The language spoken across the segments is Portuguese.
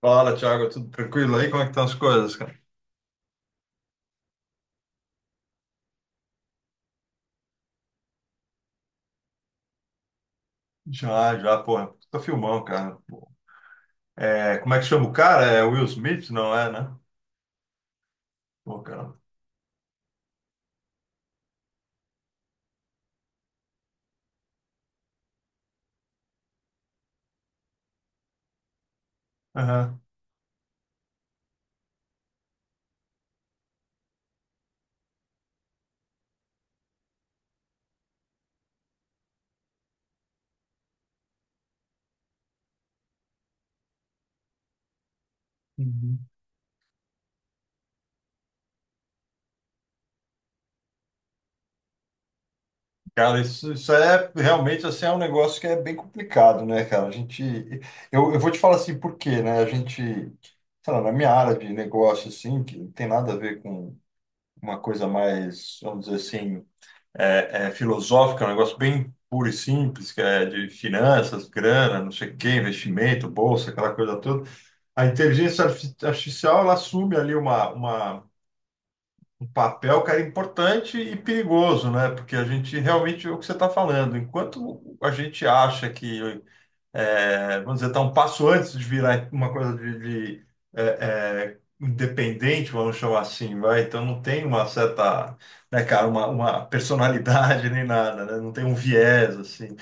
Fala, Thiago, tudo tranquilo aí? Como é que estão as coisas, cara? Já, já, porra, tô filmão, cara. Pô. É, como é que chama o cara? É Will Smith, não é, né? Pô, cara. Aham. Uhum. Cara, isso é realmente assim, é um negócio que é bem complicado, né, cara? A gente. Eu vou te falar assim, por quê, né? A gente, sei lá, na minha área de negócio, assim, que não tem nada a ver com uma coisa mais, vamos dizer assim. Filosófica, é um negócio bem puro e simples, que é de finanças, grana, não sei o quê, investimento, bolsa, aquela coisa toda. A inteligência artificial, ela assume ali um papel, cara, importante e perigoso, né? Porque a gente realmente, é o que você está falando, enquanto a gente acha que é, vamos dizer, está um passo antes de virar uma coisa de, é, independente, vamos chamar assim, vai. Então não tem uma certa, né, cara, uma personalidade nem nada, né? Não tem um viés assim.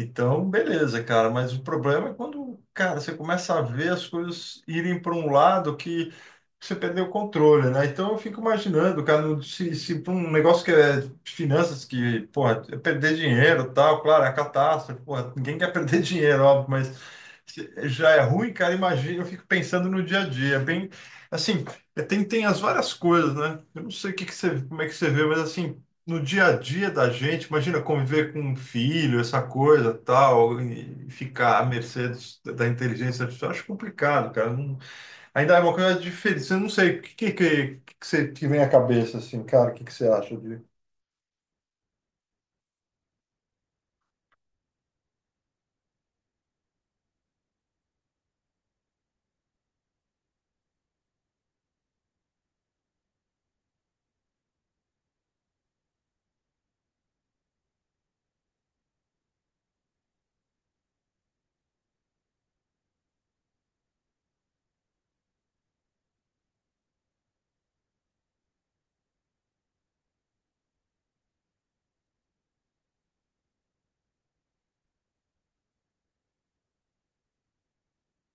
Então, beleza, cara, mas o problema é quando, cara, você começa a ver as coisas irem para um lado que você perdeu o controle, né? Então eu fico imaginando, cara, se pra um negócio que é de finanças, que, porra, é perder dinheiro e tal, claro, é a catástrofe, porra, ninguém quer perder dinheiro, óbvio, mas se já é ruim, cara, imagina, eu fico pensando no dia a dia, é bem, assim, é, tem as várias coisas, né? Eu não sei o que que você, como é que você vê, mas assim, no dia a dia da gente, imagina conviver com um filho, essa coisa tal, e ficar à mercê da inteligência artificial, acho complicado, cara. Ainda é uma coisa diferente. Eu não sei, o que você te vem à cabeça, assim, cara? O que você acha de...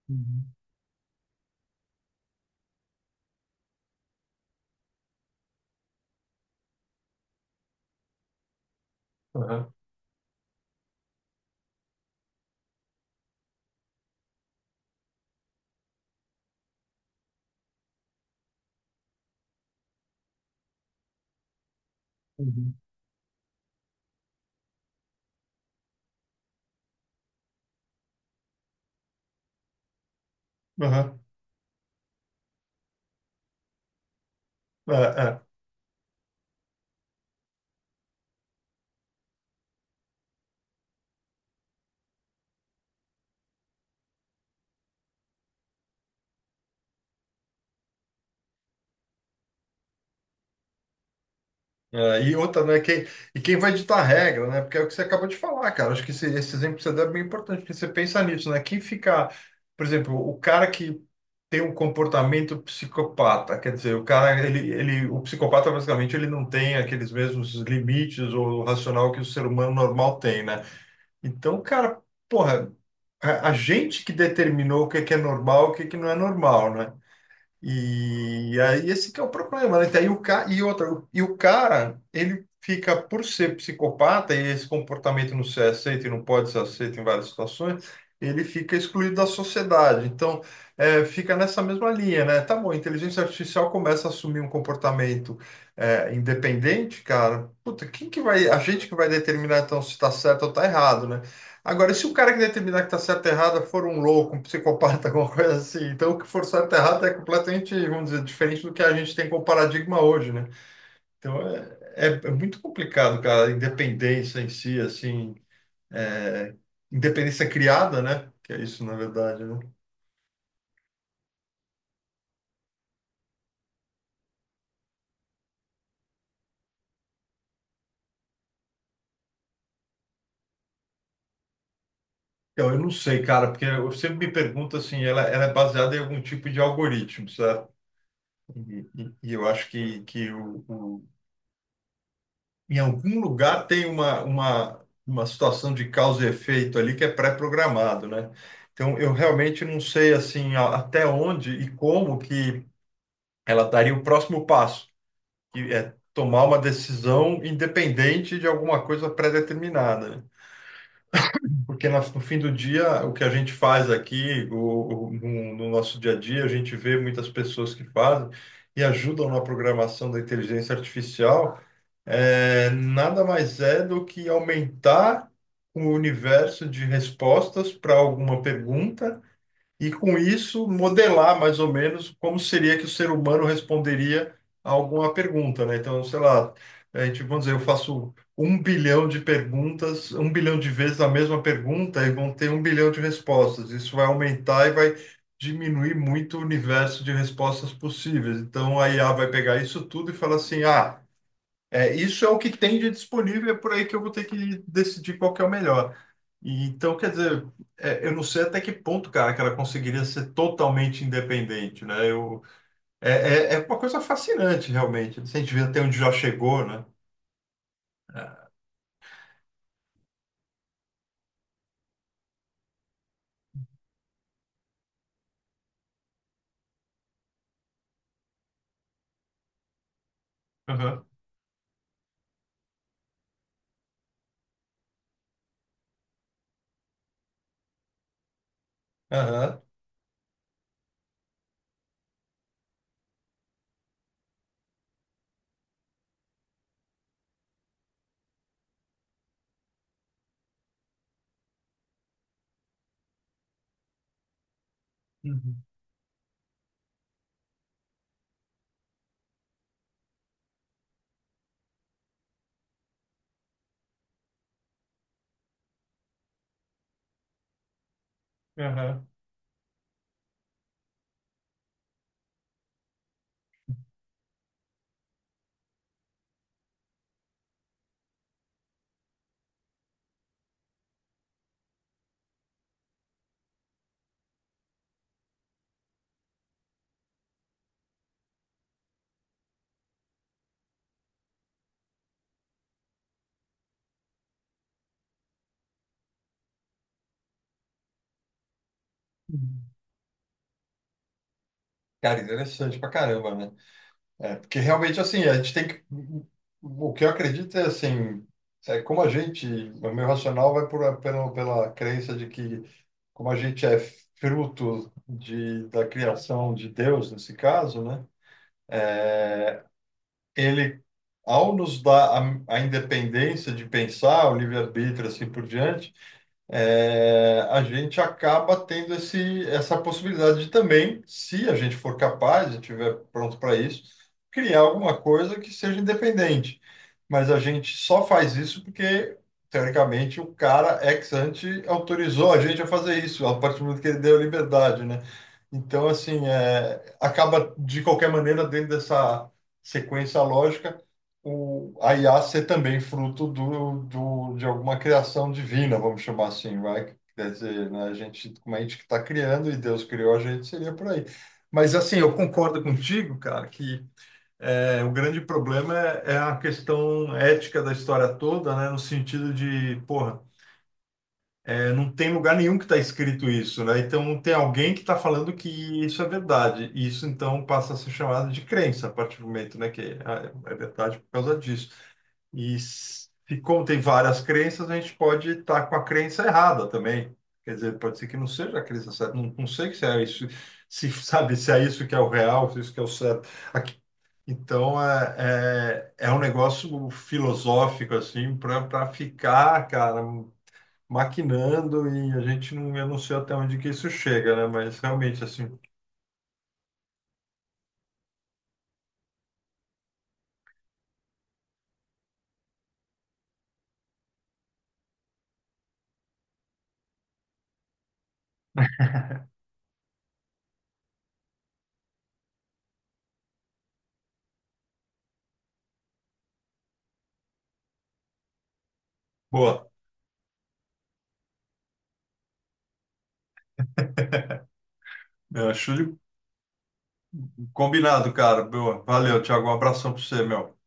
Uhum. Aham. Uhum. Aham. É, é. É, e outra, né? E quem vai ditar a regra, né? Porque é o que você acabou de falar, cara. Acho que esse exemplo que você deu é bem importante, porque você pensa nisso, né? Quem fica, por exemplo, o cara que tem um comportamento psicopata, quer dizer, o cara, o psicopata, basicamente, ele não tem aqueles mesmos limites ou racional que o ser humano normal tem, né? Então, cara, porra. A gente que determinou o que é normal, o que é que não é normal, né? E aí esse que é o problema, né? Então, aí e outra, e o cara, ele fica, por ser psicopata, e esse comportamento não ser aceito e não pode ser aceito em várias situações, ele fica excluído da sociedade. Então, é, fica nessa mesma linha, né? Tá bom, a inteligência artificial começa a assumir um comportamento independente, cara. Puta, quem que vai... A gente que vai determinar, então, se tá certo ou tá errado, né? Agora, se o cara que determinar que está certo e errado for um louco, um psicopata, alguma coisa assim, então o que for certo e errado é completamente, vamos dizer, diferente do que a gente tem como paradigma hoje, né? Então é muito complicado, cara, a independência em si, assim, é, independência criada, né? Que é isso, na verdade, né? Eu não sei, cara, porque eu sempre me pergunto assim, ela é baseada em algum tipo de algoritmo, certo? E eu acho que em algum lugar tem uma situação de causa e efeito ali que é pré-programado, né? Então, eu realmente não sei, assim, até onde e como que ela daria o próximo passo, que é tomar uma decisão independente de alguma coisa pré-determinada, né? Porque no fim do dia, o que a gente faz aqui, no nosso dia a dia, a gente vê muitas pessoas que fazem e ajudam na programação da inteligência artificial, nada mais é do que aumentar o universo de respostas para alguma pergunta e, com isso, modelar mais ou menos como seria que o ser humano responderia a alguma pergunta, né? Então, sei lá, a gente, vamos dizer, eu faço um bilhão de perguntas, um bilhão de vezes a mesma pergunta e vão ter um bilhão de respostas. Isso vai aumentar e vai diminuir muito o universo de respostas possíveis. Então, a IA vai pegar isso tudo e falar assim, ah, isso é o que tem de disponível, é por aí que eu vou ter que decidir qual que é o melhor. E, então, quer dizer, eu não sei até que ponto, cara, que ela conseguiria ser totalmente independente, né? É, é uma coisa fascinante, realmente. Se a gente vê até onde já chegou, né? Aham, aham, uhum, aham. Uhum. Cara, interessante pra caramba, né? É, porque realmente, assim, a gente tem que. O que eu acredito é assim, é como a gente, o meu racional vai pela crença de que, como a gente é fruto da criação de Deus, nesse caso, né? Ele, ao nos dar a independência de pensar, o livre-arbítrio, assim por diante a gente acaba tendo essa possibilidade de também, se a gente for capaz e estiver pronto para isso, criar alguma coisa que seja independente. Mas a gente só faz isso porque, teoricamente, o cara ex ante autorizou a gente a fazer isso, a partir do momento que ele deu a liberdade, né? Então, assim, acaba de qualquer maneira dentro dessa sequência lógica a IA ser também fruto de alguma criação divina, vamos chamar assim, vai? Quer dizer, né, a gente, como a gente que está criando e Deus criou a gente, seria por aí. Mas, assim, eu concordo contigo, cara, que o grande problema é a questão ética da história toda, né? No sentido de, porra, não tem lugar nenhum que está escrito isso, né? Então, tem alguém que está falando que isso é verdade. E isso, então, passa a ser chamado de crença, a partir do momento, né? Que é verdade por causa disso. E se contém várias crenças, a gente pode estar com a crença errada também. Quer dizer, pode ser que não seja a crença certa. Não, não sei se é isso, se sabe se é isso que é o real, se é isso que é o certo. Aqui- Então é um negócio filosófico assim para ficar, cara, maquinando e a gente não, eu não sei até onde que isso chega, né? Mas realmente assim, boa. Eu acho de- Combinado, cara. Boa. Valeu, Thiago. Um abração para você, meu.